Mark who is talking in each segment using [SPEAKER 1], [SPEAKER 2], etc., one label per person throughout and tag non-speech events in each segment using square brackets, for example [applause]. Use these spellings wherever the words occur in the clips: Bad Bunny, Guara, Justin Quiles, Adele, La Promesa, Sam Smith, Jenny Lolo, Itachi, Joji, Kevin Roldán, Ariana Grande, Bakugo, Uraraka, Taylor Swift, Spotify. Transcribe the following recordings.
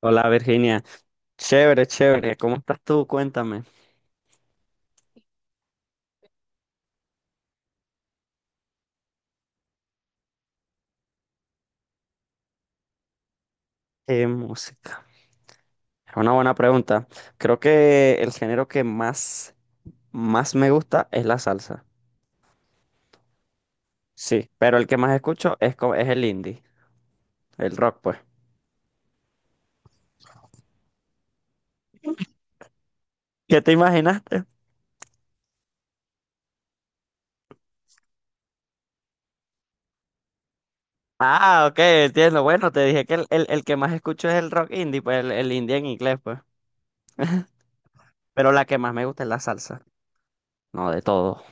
[SPEAKER 1] Hola Virginia, chévere, chévere, ¿cómo estás tú? Cuéntame. ¿Qué música? Es una buena pregunta. Creo que el género que más me gusta es la salsa. Sí, pero el que más escucho es el indie, el rock, pues. ¿Qué te imaginaste? Ah, ok, entiendo. Bueno, te dije que el que más escucho es el rock indie, pues el indie en inglés, pues. Pero la que más me gusta es la salsa. No, de todo.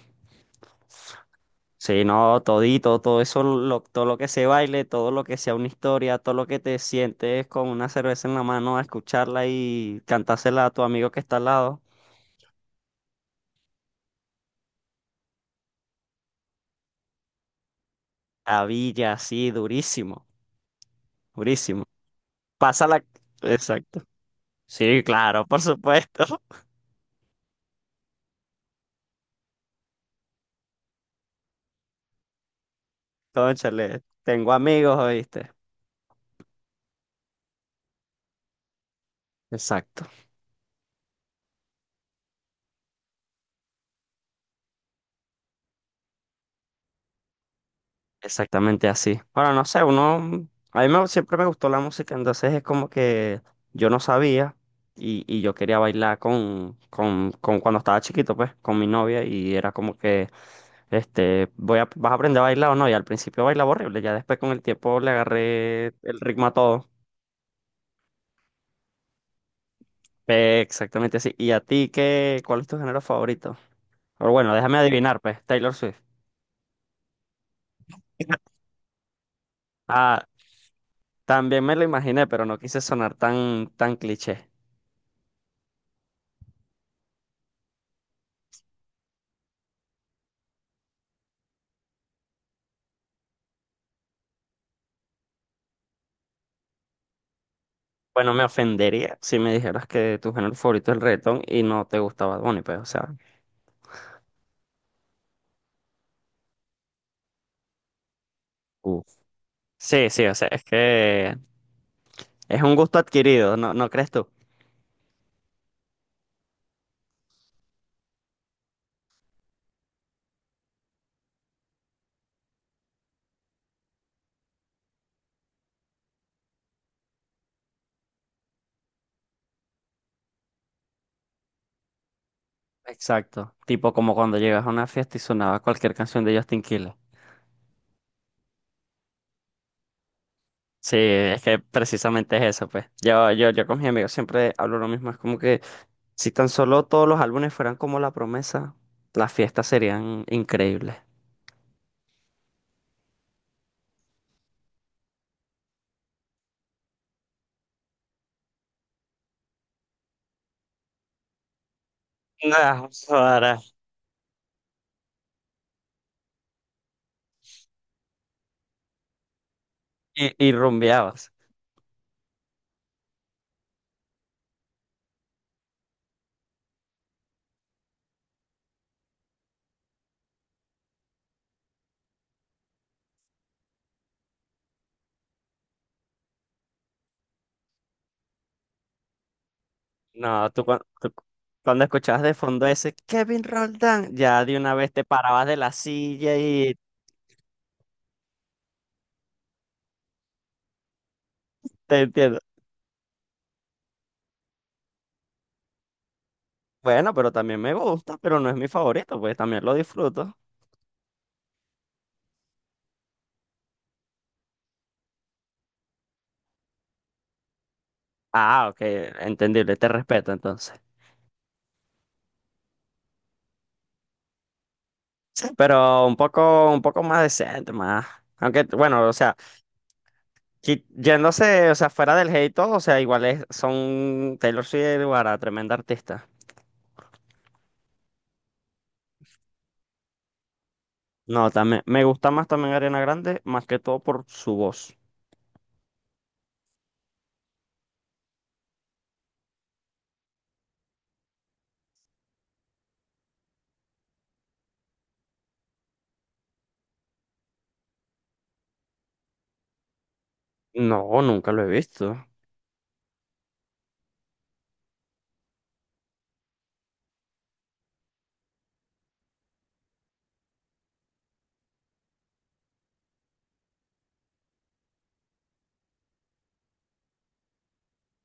[SPEAKER 1] Sí, no, todito, todo eso, todo lo que se baile, todo lo que sea una historia, todo lo que te sientes con una cerveza en la mano a escucharla y cantársela a tu amigo que está al lado. A Villa, sí, durísimo, durísimo. Pásala. Exacto. Sí, claro, por supuesto. [laughs] Cónchale, tengo amigos, ¿oíste? Exacto. Exactamente así. Ahora, no sé, uno, a mí siempre me gustó la música, entonces es como que yo no sabía y yo quería bailar con cuando estaba chiquito, pues, con mi novia y era como que, vas a aprender a bailar o no, y al principio bailaba horrible, ya después con el tiempo le agarré el ritmo a todo. Exactamente así. ¿Y a ti qué, cuál es tu género favorito? Pero bueno, déjame adivinar, pues, Taylor Swift. [laughs] Ah, también me lo imaginé, pero no quise sonar tan, tan cliché. Bueno, me ofendería si me dijeras que tu género favorito es el reggaetón y no te gustaba Bad Bunny, pues, o sea. Uf. Sí, sí, o sea, es que es un gusto adquirido, ¿no, no crees tú? Exacto, tipo como cuando llegas a una fiesta y sonaba cualquier canción de Justin Quiles. Sí, es que precisamente es eso, pues. Yo con mis amigos siempre hablo lo mismo, es como que si tan solo todos los álbumes fueran como La Promesa, las fiestas serían increíbles. [laughs] Nada. Ahora. Y rumbeabas. No, tú, cua- tú cu- cuando escuchabas de fondo ese Kevin Roldán, ya de una vez te parabas de la silla y te entiendo. Bueno, pero también me gusta, pero no es mi favorito, pues también lo disfruto. Ah, ok, entendible, te respeto entonces. Sí, pero un poco más decente, más. Aunque, bueno, o sea, yéndose, o sea, fuera del hate y todo, o sea, son Taylor Swift y Guara, tremenda artista. No, también, me gusta más también Ariana Grande, más que todo por su voz. No, nunca lo he visto.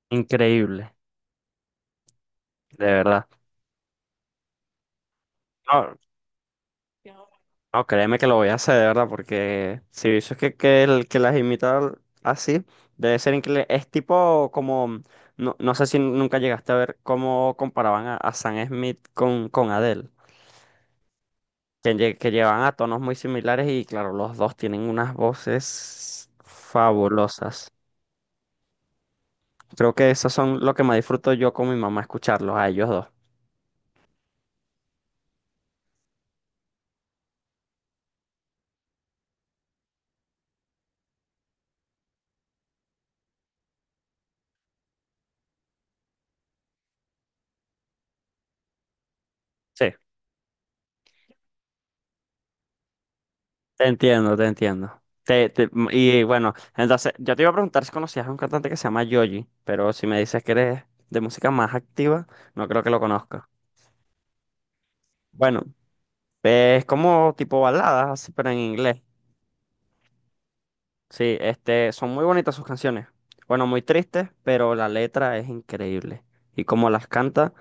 [SPEAKER 1] Increíble, de verdad. No, no, créeme que lo voy a hacer, de verdad, porque si eso es que las imita así, debe ser increíble. Es tipo como, no, no sé si nunca llegaste a ver cómo comparaban a Sam Smith con Adele, que llevan a tonos muy similares y claro, los dos tienen unas voces fabulosas. Creo que esos son lo que más disfruto yo con mi mamá escucharlos, a ellos dos. Sí. Te entiendo, te entiendo. Y bueno, entonces yo te iba a preguntar si conocías a un cantante que se llama Yoji, pero si me dices que eres de música más activa, no creo que lo conozca. Bueno, es como tipo baladas, así, pero en inglés. Sí, son muy bonitas sus canciones. Bueno, muy tristes, pero la letra es increíble. Y como las canta,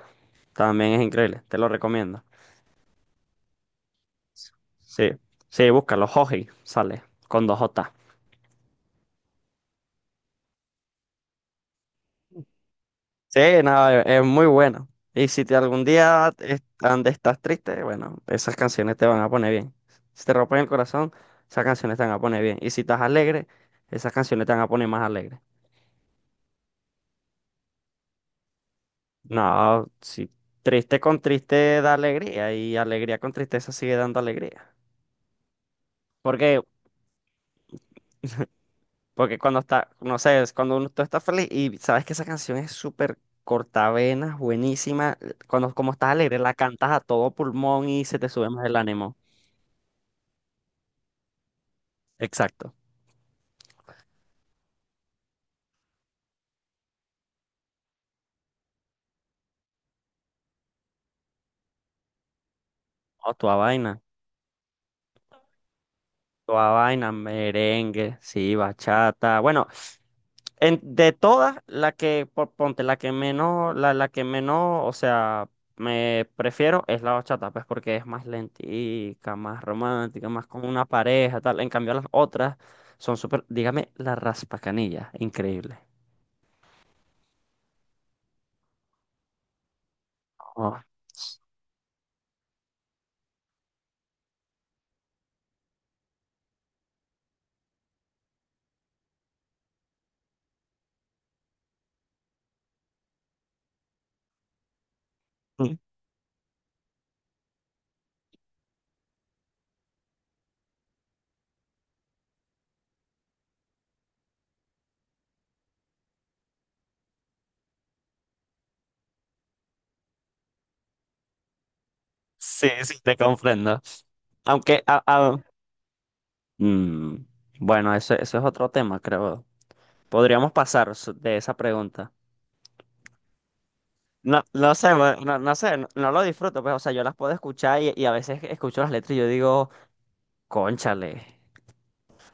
[SPEAKER 1] también es increíble. Te lo recomiendo. Sí, sí, búscalo, Joji, sale, con dos J. Sí, no, es muy bueno. Y si te algún día estás triste, bueno, esas canciones te van a poner bien. Si te rompen el corazón, esas canciones te van a poner bien. Y si estás alegre, esas canciones te van a poner más alegre. No, si triste con triste da alegría y alegría con tristeza sigue dando alegría. Porque, Porque cuando está, no sé, es cuando uno, tú estás feliz y sabes que esa canción es súper cortavenas, buenísima, cuando como estás alegre la cantas a todo pulmón y se te sube más el ánimo. Exacto. Oh, toda vaina, merengue, sí, bachata. Bueno, en, de todas, la que, po- ponte, la que menos, la que menos, o sea, me prefiero es la bachata, pues porque es más lentica, más romántica, más como una pareja, tal. En cambio, las otras son súper, dígame, la raspacanilla, increíble. Oh, [laughs] Mm. Sí, sí, te comprendo. Aunque, mm, bueno, eso es otro tema, creo. Podríamos pasar de esa pregunta. No, no sé, bueno, no, no sé, no, no lo disfruto, pues, o sea, yo las puedo escuchar y a veces escucho las letras y yo digo, cónchale,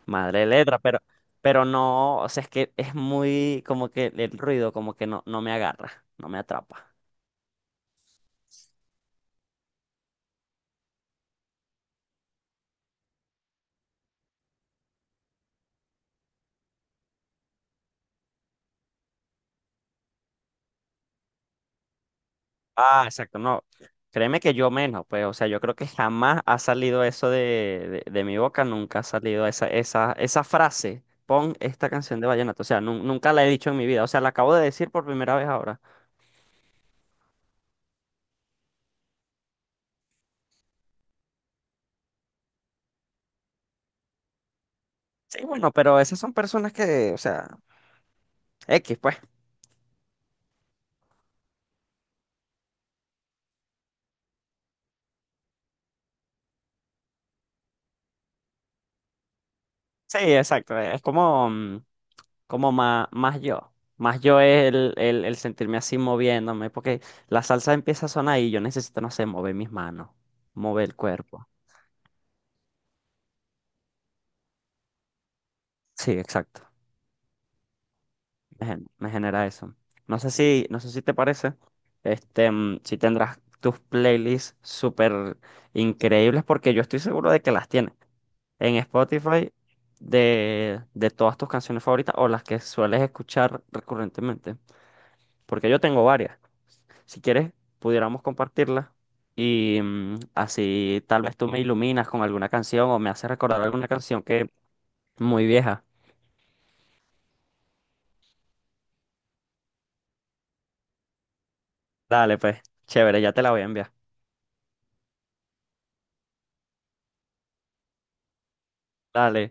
[SPEAKER 1] madre de letra, pero no, o sea, es que es muy como que el ruido como que no, no me agarra, no me atrapa. Ah, exacto, no, créeme que yo menos, pues, o sea, yo creo que jamás ha salido eso de mi boca, nunca ha salido esa frase, pon esta canción de vallenato, o sea, nunca la he dicho en mi vida, o sea, la acabo de decir por primera vez ahora. Sí, bueno, pero esas son personas que, o sea, X, pues. Sí, exacto. Es como, como más, más yo. Más yo es el sentirme así moviéndome, porque la salsa empieza a sonar y yo necesito, no sé, mover mis manos, mover el cuerpo. Sí, exacto. Me genera eso. No sé si te parece, si tendrás tus playlists súper increíbles, porque yo estoy seguro de que las tienes en Spotify de todas tus canciones favoritas o las que sueles escuchar recurrentemente, porque yo tengo varias. Si quieres, pudiéramos compartirla y así tal vez tú me iluminas con alguna canción o me haces recordar alguna canción que muy vieja. Dale, pues, chévere, ya te la voy a enviar. Dale.